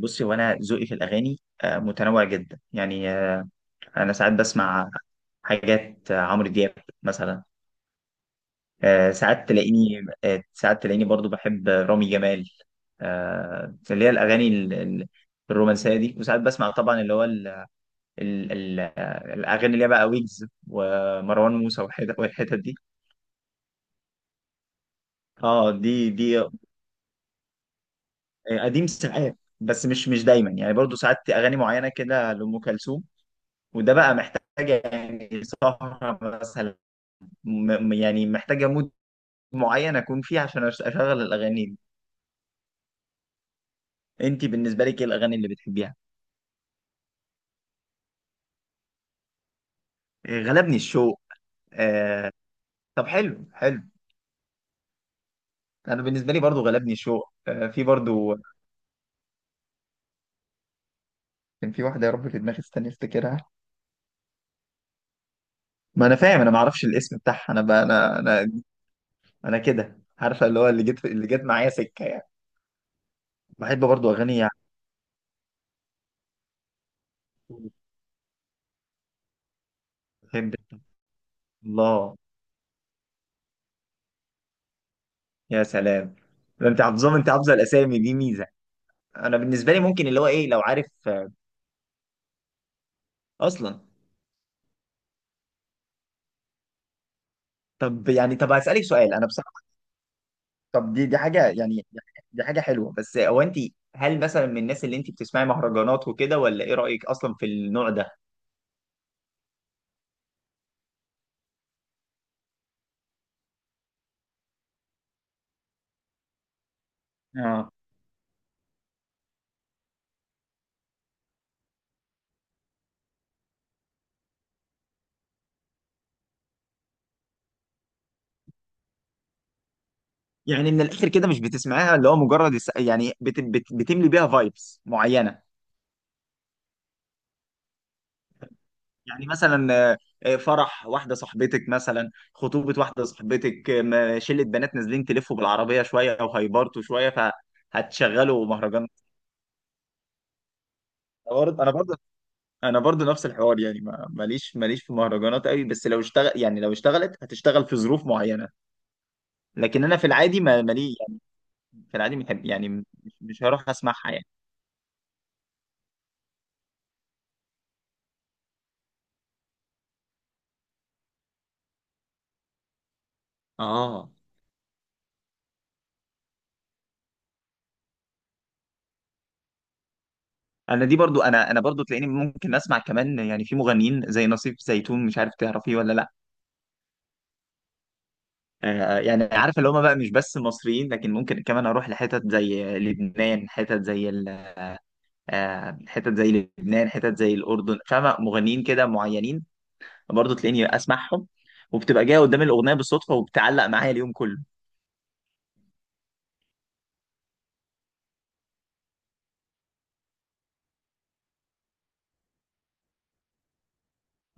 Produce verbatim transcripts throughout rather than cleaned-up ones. بصي، هو انا ذوقي في الاغاني آه، متنوع جدا يعني آه، انا ساعات بسمع حاجات آه، عمرو دياب مثلا. آه، ساعات تلاقيني آه، ساعات تلاقيني برضو بحب رامي جمال. آه، اللي هي الاغاني ال- ال- الرومانسيه دي. وساعات بسمع طبعا اللي هو ال ال ال آه، الاغاني اللي هي بقى ويجز ومروان موسى والحتت والحتت دي. اه، دي دي آه، قديم ساعات. بس مش مش دايما يعني. برضو ساعات اغاني معينه كده لام كلثوم، وده بقى محتاجة يعني سهرة مثلا، م- يعني محتاجة مود معين أكون فيه عشان أش- أشغل الأغاني دي. أنت بالنسبة لك إيه الأغاني اللي بتحبيها؟ إيه، غلبني الشوق آه... طب، حلو حلو. أنا بالنسبة لي برضو غلبني الشوق آه... في برضو. كان في واحدة يا رب في دماغي، استني أفتكرها. ما أنا فاهم، أنا ما أعرفش الاسم بتاعها. أنا بقى أنا أنا أنا كده عارفة اللي هو اللي جت اللي جت معايا سكة يعني. بحب برضو أغاني يعني، بحب. الله، يا سلام. ده أنت حافظاهم أنت حافظة الأسامي دي ميزة. انا بالنسبه لي ممكن اللي هو ايه لو عارف آه، اصلا. طب يعني، طب هسالك سؤال انا بصراحه. طب، دي دي حاجه يعني، دي حاجه حلوه بس هو انت. هل مثلا من الناس اللي انت بتسمعي مهرجانات وكده، ولا ايه رايك اصلا في النوع ده؟ اه، يعني من الاخر كده مش بتسمعيها اللي هو مجرد الس- يعني بت بت بتملي بيها فايبس معينه. يعني مثلا، آه، آه، فرح واحده صاحبتك مثلا، خطوبه واحده صاحبتك، آه، ما- شله بنات نازلين تلفوا بالعربيه شويه وهيبرتوا شويه، فهتشغلوا مهرجان. انا برضه انا برضو نفس الحوار يعني، ما- ماليش ماليش في مهرجانات قوي، بس لو اشتغل يعني لو اشتغلت هتشتغل في ظروف معينه. لكن انا في العادي ما مالي يعني، في العادي بحب يعني، مش مش هروح اسمعها يعني. اه، انا دي برضو انا انا برضو تلاقيني ممكن اسمع كمان، يعني في مغنيين زي نصيف زيتون، مش عارف تعرفيه ولا لا. آه يعني عارف اللي هم بقى مش بس مصريين، لكن ممكن كمان اروح لحتت زي لبنان، حتت زي ال- آه حتت زي لبنان، حتت زي الاردن، فاهمه مغنيين كده معينين، برضه تلاقيني اسمعهم. وبتبقى جايه قدام الاغنيه بالصدفه وبتعلق معايا اليوم كله.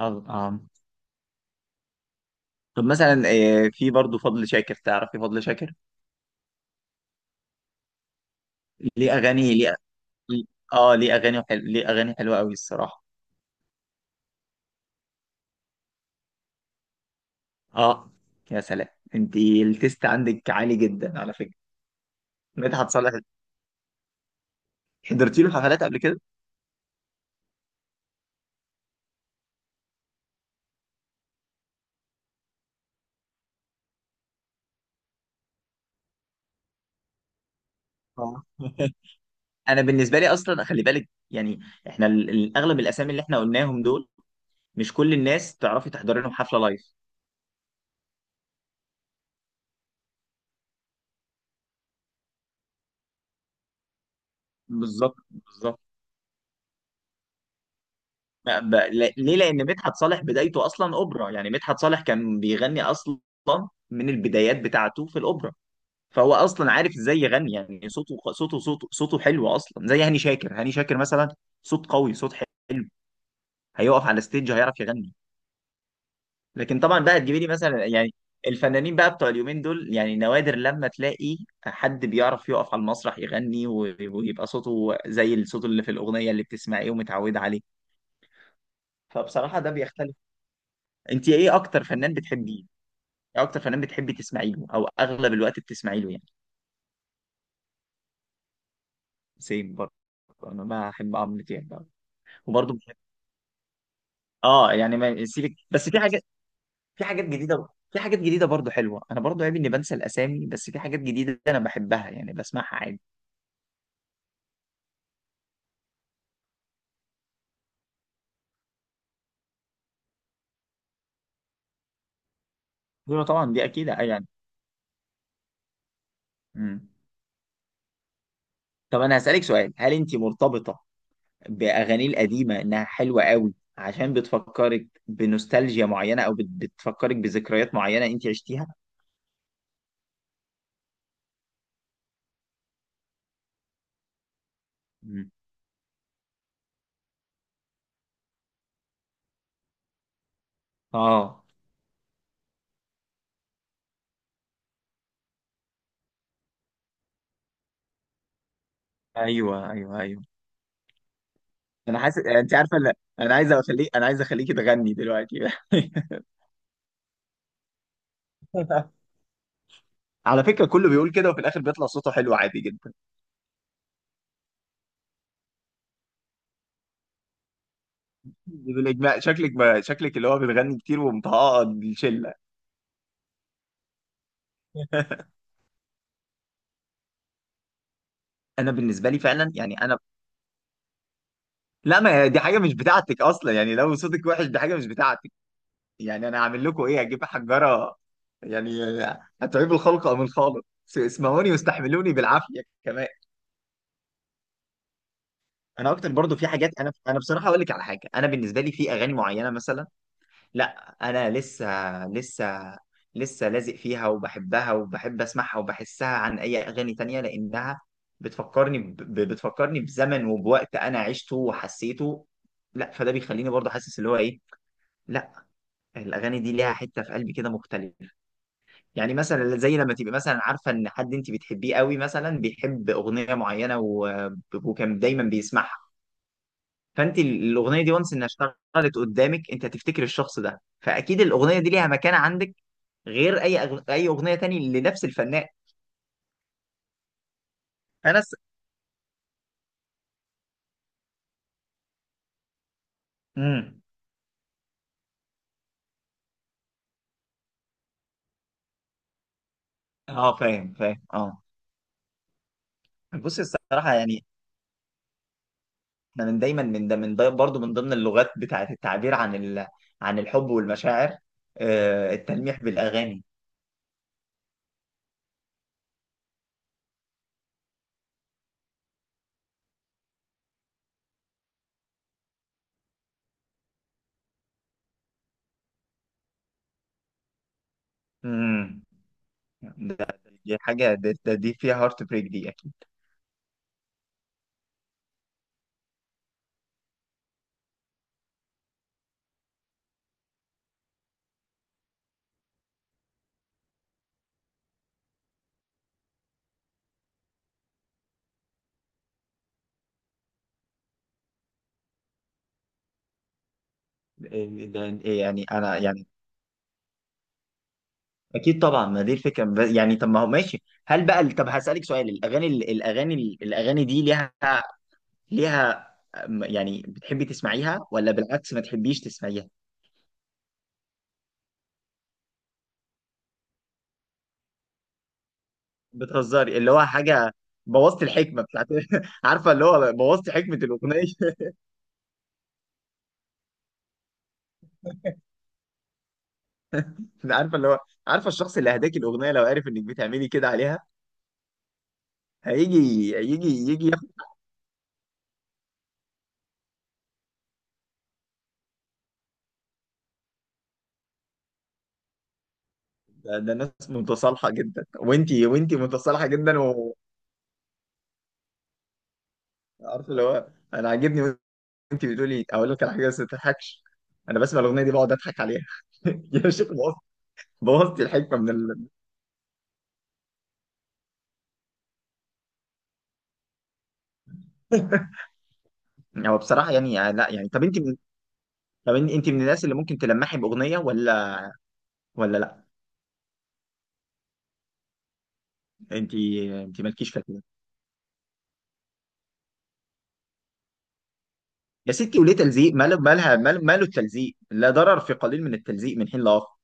اه، اه. طب مثلا، آه، في برضه فضل شاكر، تعرفي فضل شاكر؟ ليه اغاني ليه؟ اه، ليه اغاني حلو، ليه اغاني حلوه قوي الصراحه. اه، يا سلام. انت التيست عندك عالي جدا على فكره. مدحت صالح، حضرتي له حفلات قبل كده؟ اه. انا بالنسبه لي اصلا خلي بالك يعني، احنا ال- ال- اغلب الاسامي اللي احنا قلناهم دول، مش كل الناس تعرفي تحضري لهم حفله لايف. بالظبط بالظبط. ما- ب... لا- ليه؟ لان مدحت صالح بدايته اصلا اوبرا، يعني مدحت صالح كان بيغني اصلا من البدايات بتاعته في الاوبرا، فهو اصلا عارف ازاي يغني. يعني صوته صوته صوته صوته حلو اصلا، زي هاني شاكر، هاني شاكر مثلا، صوت قوي، صوت حلو، هيقف على ستيج هيعرف يغني. لكن طبعا بقى تجيبي لي مثلا يعني، الفنانين بقى بتوع اليومين دول يعني نوادر لما تلاقي حد بيعرف يقف على المسرح يغني و- ويبقى صوته زي الصوت اللي في الاغنيه اللي بتسمعيه ومتعوده عليه. فبصراحه ده بيختلف. انت ايه اكتر فنان بتحبيه؟ ايه اكتر فنان بتحبي تسمعي له او اغلب الوقت بتسمعي له يعني؟ سيم برضه. انا بحب عمرو دياب أوي. وبرضه بحب، اه يعني ما سيبك، بس في حاجات في حاجات جديده في حاجات جديده برضه حلوه. انا برضه عيب اني بنسى الاسامي، بس في حاجات جديده انا بحبها يعني، بسمعها عادي. دول طبعا دي اكيد آه يعني. مم. طب انا هسالك سؤال، هل انت مرتبطه باغاني القديمه انها حلوه قوي عشان بتفكرك بنوستالجيا معينه، او بت- بتفكرك بذكريات معينه انت عشتيها؟ مم. اه، ايوه ايوه ايوه. انا حاسس انت عارفه، لا، انا عايز اخليك انا عايز اخليكي تغني دلوقتي. على فكره كله بيقول كده وفي الاخر بيطلع صوته حلو عادي جدا. بالاجماع شكلك ب... شكلك اللي هو بتغني كتير ومطهقه الشله. انا بالنسبه لي فعلا يعني انا، لا ما هي دي حاجه مش بتاعتك اصلا يعني، لو صوتك وحش دي حاجه مش بتاعتك. يعني انا هعمل لكم ايه، هجيب حجره يعني، هتعيب الخلق ام الخالق؟ اسمعوني واستحملوني بالعافيه كمان. انا اكتر برضو في حاجات، انا انا بصراحه اقول لك على حاجه، انا بالنسبه لي في اغاني معينه مثلا، لا انا لسه لسه لسه لازق فيها وبحبها وبحب اسمعها وبحسها عن اي اغاني تانية، لانها بتفكرني ب... ب- بتفكرني بزمن وبوقت انا عشته وحسيته. لا فده بيخليني برضو حاسس اللي هو ايه، لا الاغاني دي ليها حته في قلبي كده مختلفه. يعني مثلا زي لما تبقى مثلا عارفه ان حد انت بتحبيه قوي مثلا بيحب اغنيه معينه، و... وكان دايما بيسمعها، فانت الاغنيه دي وانس انها اشتغلت قدامك، انت هتفتكر الشخص ده، فاكيد الاغنيه دي ليها مكان عندك، غير اي أغ... اي اغنيه تاني لنفس الفنان. فانا س... امم اه، فاهم فاهم، اه. بص الصراحه يعني، احنا من دايما، من ده من ده برضه من ضمن اللغات بتاعه التعبير عن ال... عن الحب والمشاعر، آه التلميح بالاغاني. امم ده، دي حاجه، ده ده- دي فيها هارت بريك دي. اكيد ده يعني، انا يعني اكيد طبعا، ما دي الفكره، ب- يعني طب ما هو ماشي، هل بقى طب هسالك سؤال، الاغاني الاغاني الاغاني دي ليها، ليها أم- يعني بتحبي تسمعيها ولا بالعكس ما تحبيش تسمعيها؟ بتهزري اللي هو حاجه، بوظت الحكمه بتاعت. عارفه اللي هو بوظت حكمه الاغنيه. عارفه اللي هو، عارفه الشخص اللي هداكي الاغنيه لو عارف انك بتعملي كده عليها هيجي هيجي، يجي ياخد. ده ده ناس متصالحه جدا، وانتي وانتي متصالحه جدا وعارفه اللي هو، انا عاجبني. انت بتقولي اقول لك على حاجه بس ما تضحكش، انا بسمع الاغنيه دي بقعد اضحك عليها. يا شيخ، بوظت بوظت الحكمه من ال... هو بصراحه يعني، آه، لا يعني، طب انت من... طب انت انت من الناس اللي ممكن تلمحي باغنيه، ولا ولا لا؟ انت انت مالكيش فيها كده، يا ستي وليه تلزيق؟ ماله، مالها، مال... ماله التلزيق؟ لا ضرر في قليل من التلزيق من حين لاخر.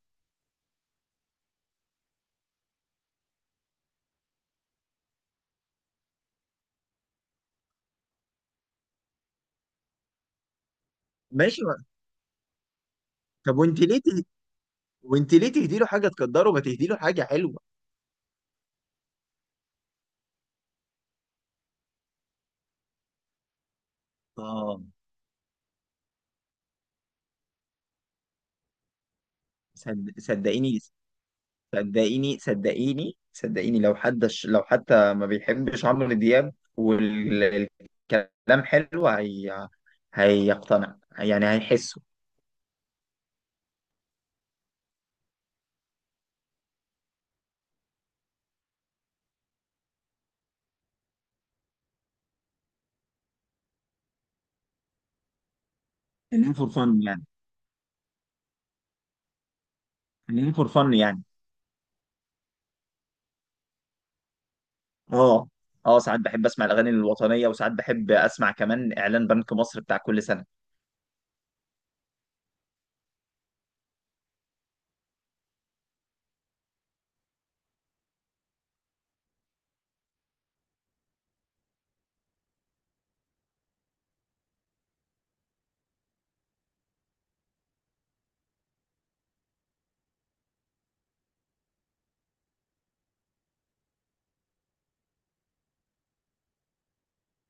ماشي، و... طب وانت ليه ته... وانت ليه تهدي له حاجه تقدره، ما تهدي له حاجه حلوه. اه، صد... صدقيني صدقيني صدقيني صدقيني، لو حد لو حتى ما بيحبش عمرو دياب والكلام حلو، هي هيقتنع يعني هيحسه. خلينا فور فن يعني، خلينا فور فن يعني. اه، اه، ساعات بحب اسمع الاغاني الوطنيه وساعات بحب اسمع كمان اعلان بنك مصر بتاع كل سنه.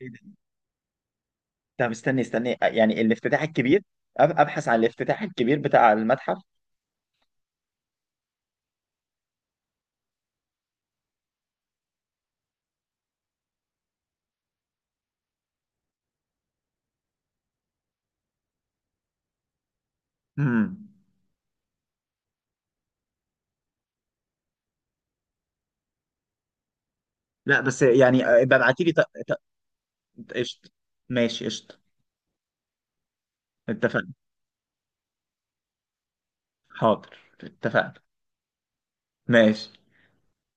ايه ده؟ طب استني استني يعني، الافتتاح الكبير، أب- ابحث عن الافتتاح الكبير بتاع المتحف. امم لا بس يعني، آه، ابقى ابعتي لي. ط- ط- قشطه. ماشي قشطه. اتفقنا. حاضر. اتفقنا. ماشي.